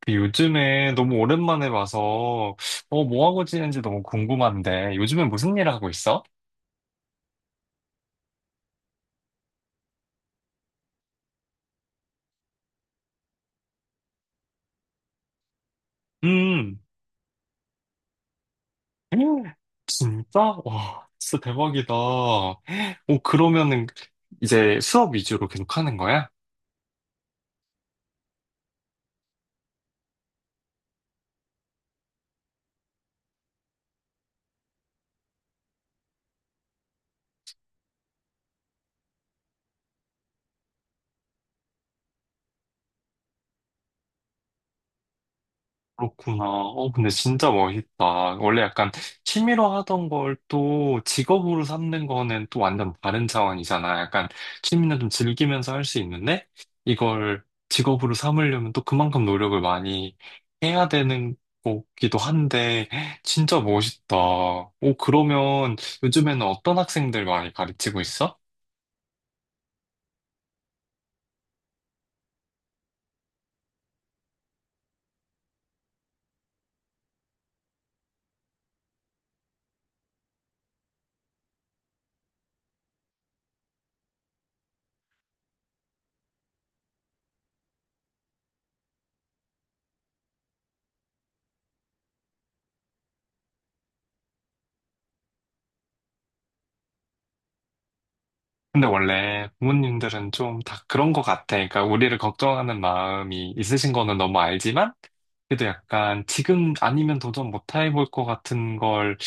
그 요즘에 너무 오랜만에 봐서, 뭐 하고 지내는지 너무 궁금한데, 요즘에 무슨 일 하고 있어? 음, 음, 진짜? 와, 진짜 대박이다. 오, 그러면은 이제 수업 위주로 계속 하는 거야? 그렇구나. 근데 진짜 멋있다. 원래 약간 취미로 하던 걸 또 직업으로 삼는 거는 또 완전 다른 차원이잖아. 약간 취미는 좀 즐기면서 할 수 있는데 이걸 직업으로 삼으려면 또 그만큼 노력을 많이 해야 되는 거기도 한데 진짜 멋있다. 오, 그러면 요즘에는 어떤 학생들 많이 가르치고 있어? 근데 원래 부모님들은 좀 다 그런 것 같아. 그러니까 우리를 걱정하는 마음이 있으신 거는 너무 알지만 그래도 약간 지금 아니면 도전 못 해볼 것 같은 걸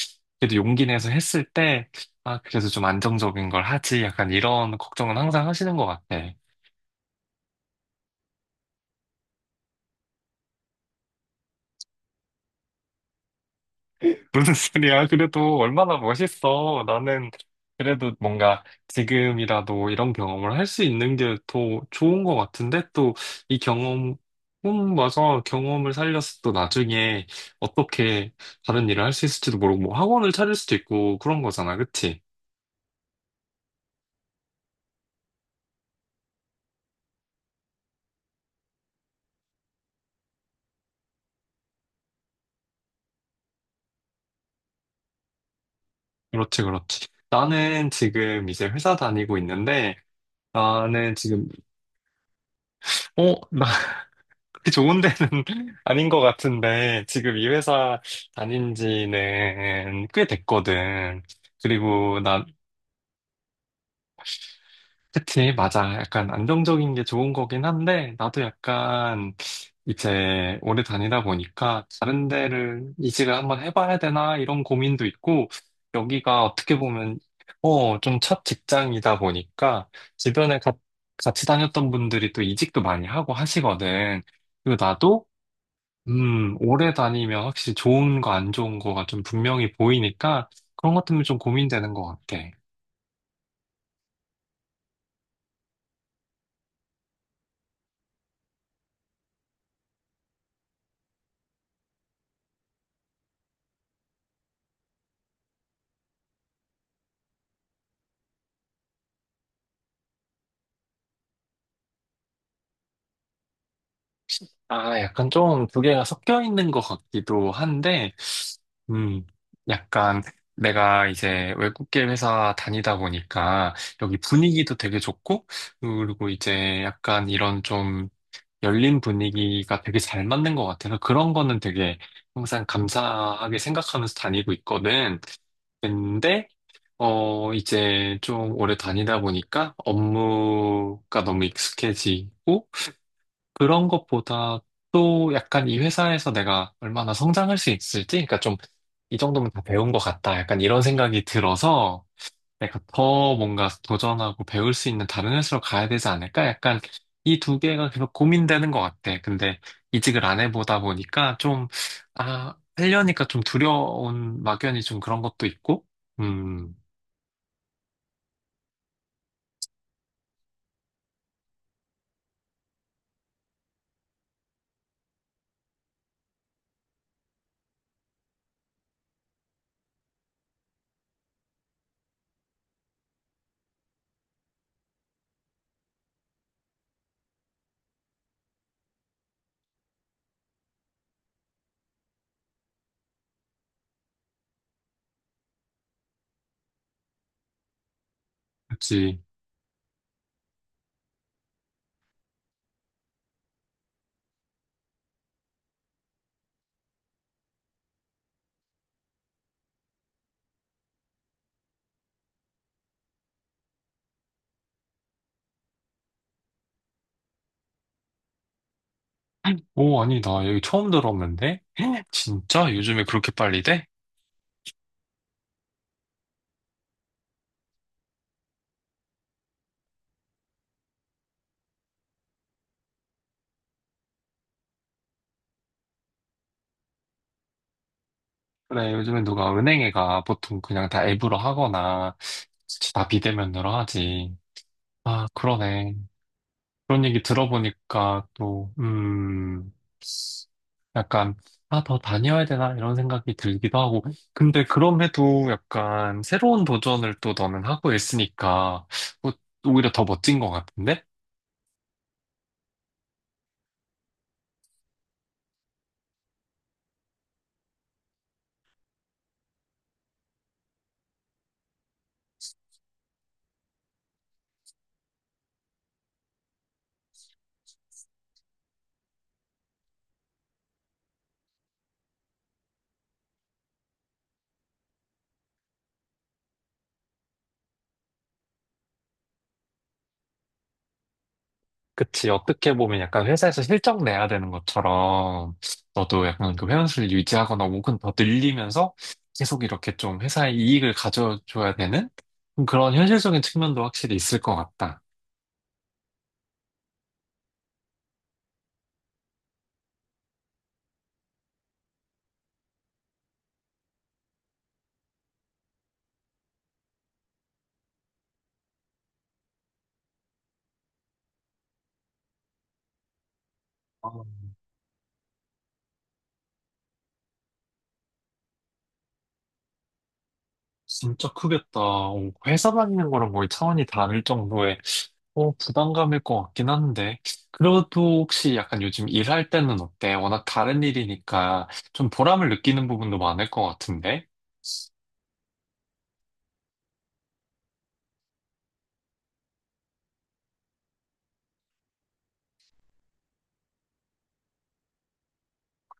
그래도 용기 내서 했을 때, 아, 그래도 좀 안정적인 걸 하지. 약간 이런 걱정은 항상 하시는 것 같아. 무슨 소리야? 그래도 얼마나 멋있어. 나는 그래도 뭔가 지금이라도 이런 경험을 할 수 있는 게 더 좋은 것 같은데 또 이 경험, 맞아. 경험을 살려서 또 나중에 어떻게 다른 일을 할 수 있을지도 모르고 뭐 학원을 차릴 수도 있고 그런 거잖아. 그치? 그렇지, 그렇지. 나는 지금 이제 회사 다니고 있는데, 나는 지금, 어, 나 그렇게 좋은 데는 아닌 것 같은데, 지금 이 회사 다닌 지는 꽤 됐거든. 그리고 나 그치, 맞아. 약간 안정적인 게 좋은 거긴 한데, 나도 약간 이제 오래 다니다 보니까 다른 데를 이직을 한번 해봐야 되나 이런 고민도 있고, 여기가 어떻게 보면, 좀 첫 직장이다 보니까, 주변에 가- 같이 다녔던 분들이 또 이직도 많이 하고 하시거든. 그리고 나도, 오래 다니면 확실히 좋은 거 안 좋은 거가 좀 분명히 보이니까, 그런 것 때문에 좀 고민되는 것 같아. 아, 약간 좀 두 개가 섞여 있는 것 같기도 한데, 음, 약간 내가 이제 외국계 회사 다니다 보니까 여기 분위기도 되게 좋고, 그리고 이제 약간 이런 좀 열린 분위기가 되게 잘 맞는 것 같아서 그런 거는 되게 항상 감사하게 생각하면서 다니고 있거든. 근데, 이제 좀 오래 다니다 보니까 업무가 너무 익숙해지고, 그런 것보다 또 약간 이 회사에서 내가 얼마나 성장할 수 있을지, 그러니까 좀 이 정도면 다 배운 것 같다. 약간 이런 생각이 들어서 내가 더 뭔가 도전하고 배울 수 있는 다른 회사로 가야 되지 않을까? 약간 이 두 개가 계속 고민되는 것 같아. 근데 이직을 안 해보다 보니까 좀, 아, 하려니까 좀 두려운 막연히 좀 그런 것도 있고, 음, 그치. 오, 아니, 나 여기 처음 들었는데? 진짜? 요즘에 그렇게 빨리 돼? 그래, 요즘엔 누가 은행에 가 보통 그냥 다 앱으로 하거나 다 비대면으로 하지. 아, 그러네. 그런 얘기 들어보니까 또, 약간, 아, 더 다녀야 되나? 이런 생각이 들기도 하고. 근데 그럼에도 약간 새로운 도전을 또 너는 하고 있으니까 뭐 오히려 더 멋진 것 같은데? 그치. 어떻게 보면 약간 회사에서 실적 내야 되는 것처럼 너도 약간 그 회원수를 유지하거나 혹은 더 늘리면서 계속 이렇게 좀 회사에 이익을 가져줘야 되는 그런 현실적인 측면도 확실히 있을 것 같다. 아, 진짜 크겠다. 회사 다니는 거랑 거의 차원이 다를 정도의 부담감일 것 같긴 한데. 그래도 혹시 약간 요즘 일할 때는 어때? 워낙 다른 일이니까 좀 보람을 느끼는 부분도 많을 것 같은데.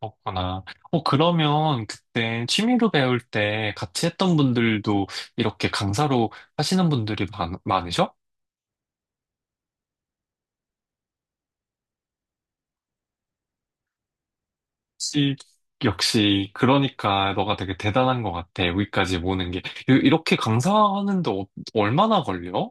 그렇구나. 그러면 그때 취미로 배울 때 같이 했던 분들도 이렇게 강사로 하시는 많으셔? 역시, 역시, 그러니까 너가 되게 대단한 것 같아. 여기까지 모는 게. 이렇게 강사하는데 얼마나 걸려?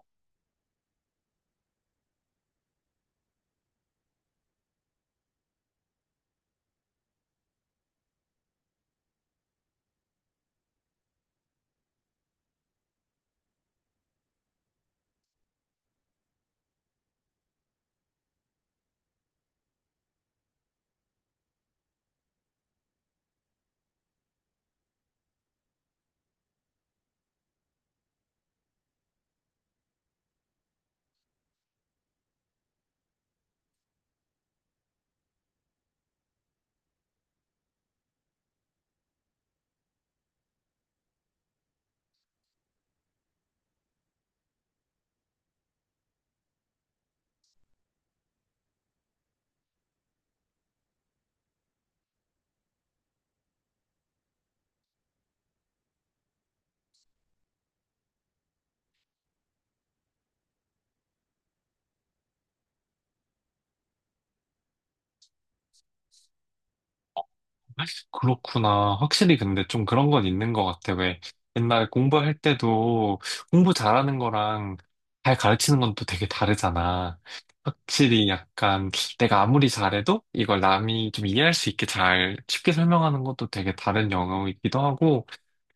그렇구나. 확실히 근데 좀 그런 건 있는 것 같아. 왜 옛날 공부할 때도 공부 잘하는 거랑 잘 가르치는 건 또 되게 다르잖아. 확실히 약간 내가 아무리 잘해도 이걸 남이 좀 이해할 수 있게 잘 쉽게 설명하는 것도 되게 다른 영역이기도 하고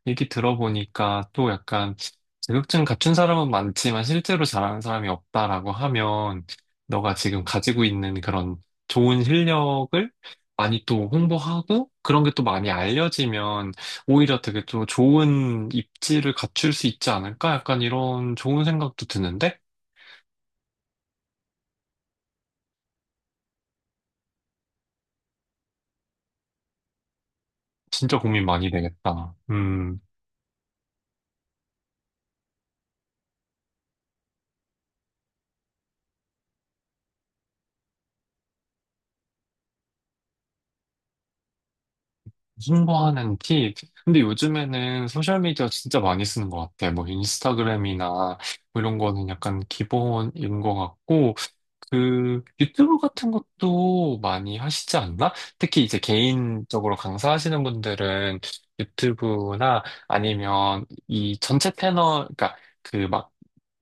얘기 들어보니까 또 약간 자격증 갖춘 사람은 많지만 실제로 잘하는 사람이 없다라고 하면 너가 지금 가지고 있는 그런 좋은 실력을 많이 또 홍보하고 그런 게 또 많이 알려지면 오히려 되게 또 좋은 입지를 갖출 수 있지 않을까? 약간 이런 좋은 생각도 드는데 진짜 고민 많이 되겠다. 홍보하는 팁. 근데 요즘에는 소셜미디어 진짜 많이 쓰는 것 같아. 뭐 인스타그램이나 뭐 이런 거는 약간 기본인 것 같고 그 유튜브 같은 것도 많이 하시지 않나? 특히 이제 개인적으로 강사하시는 분들은 유튜브나 아니면 이 전체 패널, 그러니까 그 막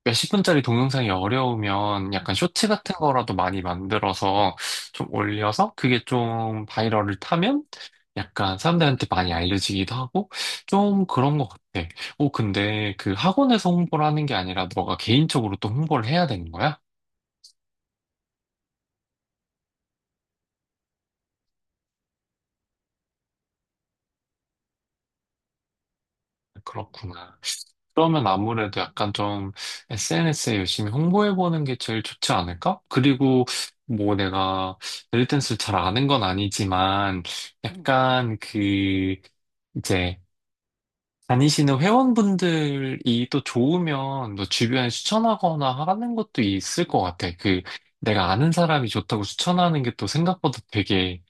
몇십 분짜리 동영상이 어려우면 약간 쇼츠 같은 거라도 많이 만들어서 좀 올려서 그게 좀 바이럴을 타면 약간 사람들한테 많이 알려지기도 하고 좀 그런 것 같아. 오, 근데 그 학원에서 홍보를 하는 게 아니라 너가 개인적으로 또 홍보를 해야 되는 거야? 그렇구나. 그러면 아무래도 약간 좀 SNS에 열심히 홍보해보는 게 제일 좋지 않을까? 그리고 뭐 내가 벨리댄스를 잘 아는 건 아니지만 약간 그 이제 다니시는 회원분들이 또 좋으면 너 주변에 추천하거나 하는 것도 있을 것 같아. 그 내가 아는 사람이 좋다고 추천하는 게 또 생각보다 되게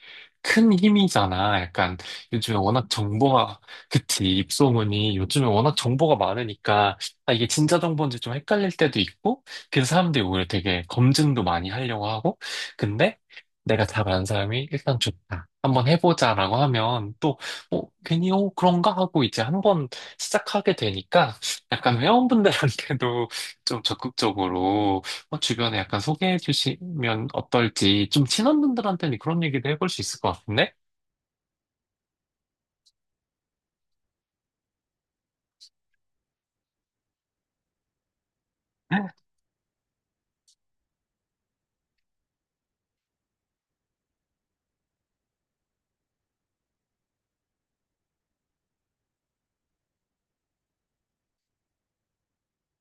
큰 힘이잖아. 약간 요즘에 워낙 정보가, 그치, 입소문이 요즘에 워낙 정보가 많으니까 아, 이게 진짜 정보인지 좀 헷갈릴 때도 있고 그래서 사람들이 오히려 되게 검증도 많이 하려고 하고 근데 내가 잘 아는 사람이 일단 좋다. 한번 해보자라고 하면 또 괜히, 어, 그런가? 하고 이제 한번 시작하게 되니까 약간 회원분들한테도 좀 적극적으로 주변에 약간 소개해 주시면 어떨지 좀 친한 분들한테는 그런 얘기도 해볼 수 있을 것 같은데?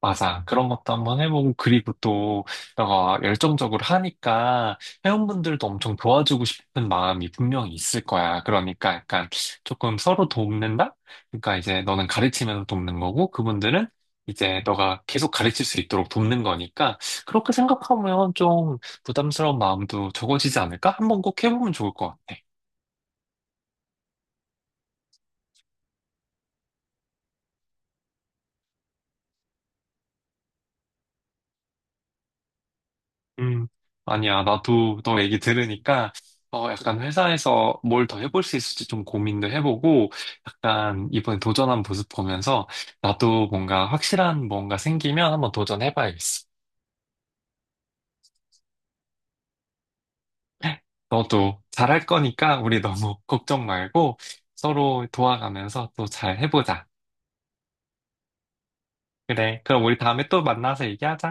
맞아. 그런 것도 한번 해보고, 그리고 또, 너가 열정적으로 하니까, 회원분들도 엄청 도와주고 싶은 마음이 분명히 있을 거야. 그러니까 약간 조금 서로 돕는다? 그러니까 이제 너는 가르치면서 돕는 거고, 그분들은 이제 너가 계속 가르칠 수 있도록 돕는 거니까, 그렇게 생각하면 좀 부담스러운 마음도 적어지지 않을까? 한번 꼭 해보면 좋을 것 같아. 음, 아니야. 나도 너 얘기 들으니까, 약간 회사에서 뭘 더 해볼 수 있을지 좀 고민도 해보고, 약간 이번에 도전한 모습 보면서, 나도 뭔가 확실한 뭔가 생기면 한번 도전해봐야겠어. 너도 잘할 거니까 우리 너무 걱정 말고 서로 도와가면서 또 잘 해보자. 그래. 그럼 우리 다음에 또 만나서 얘기하자.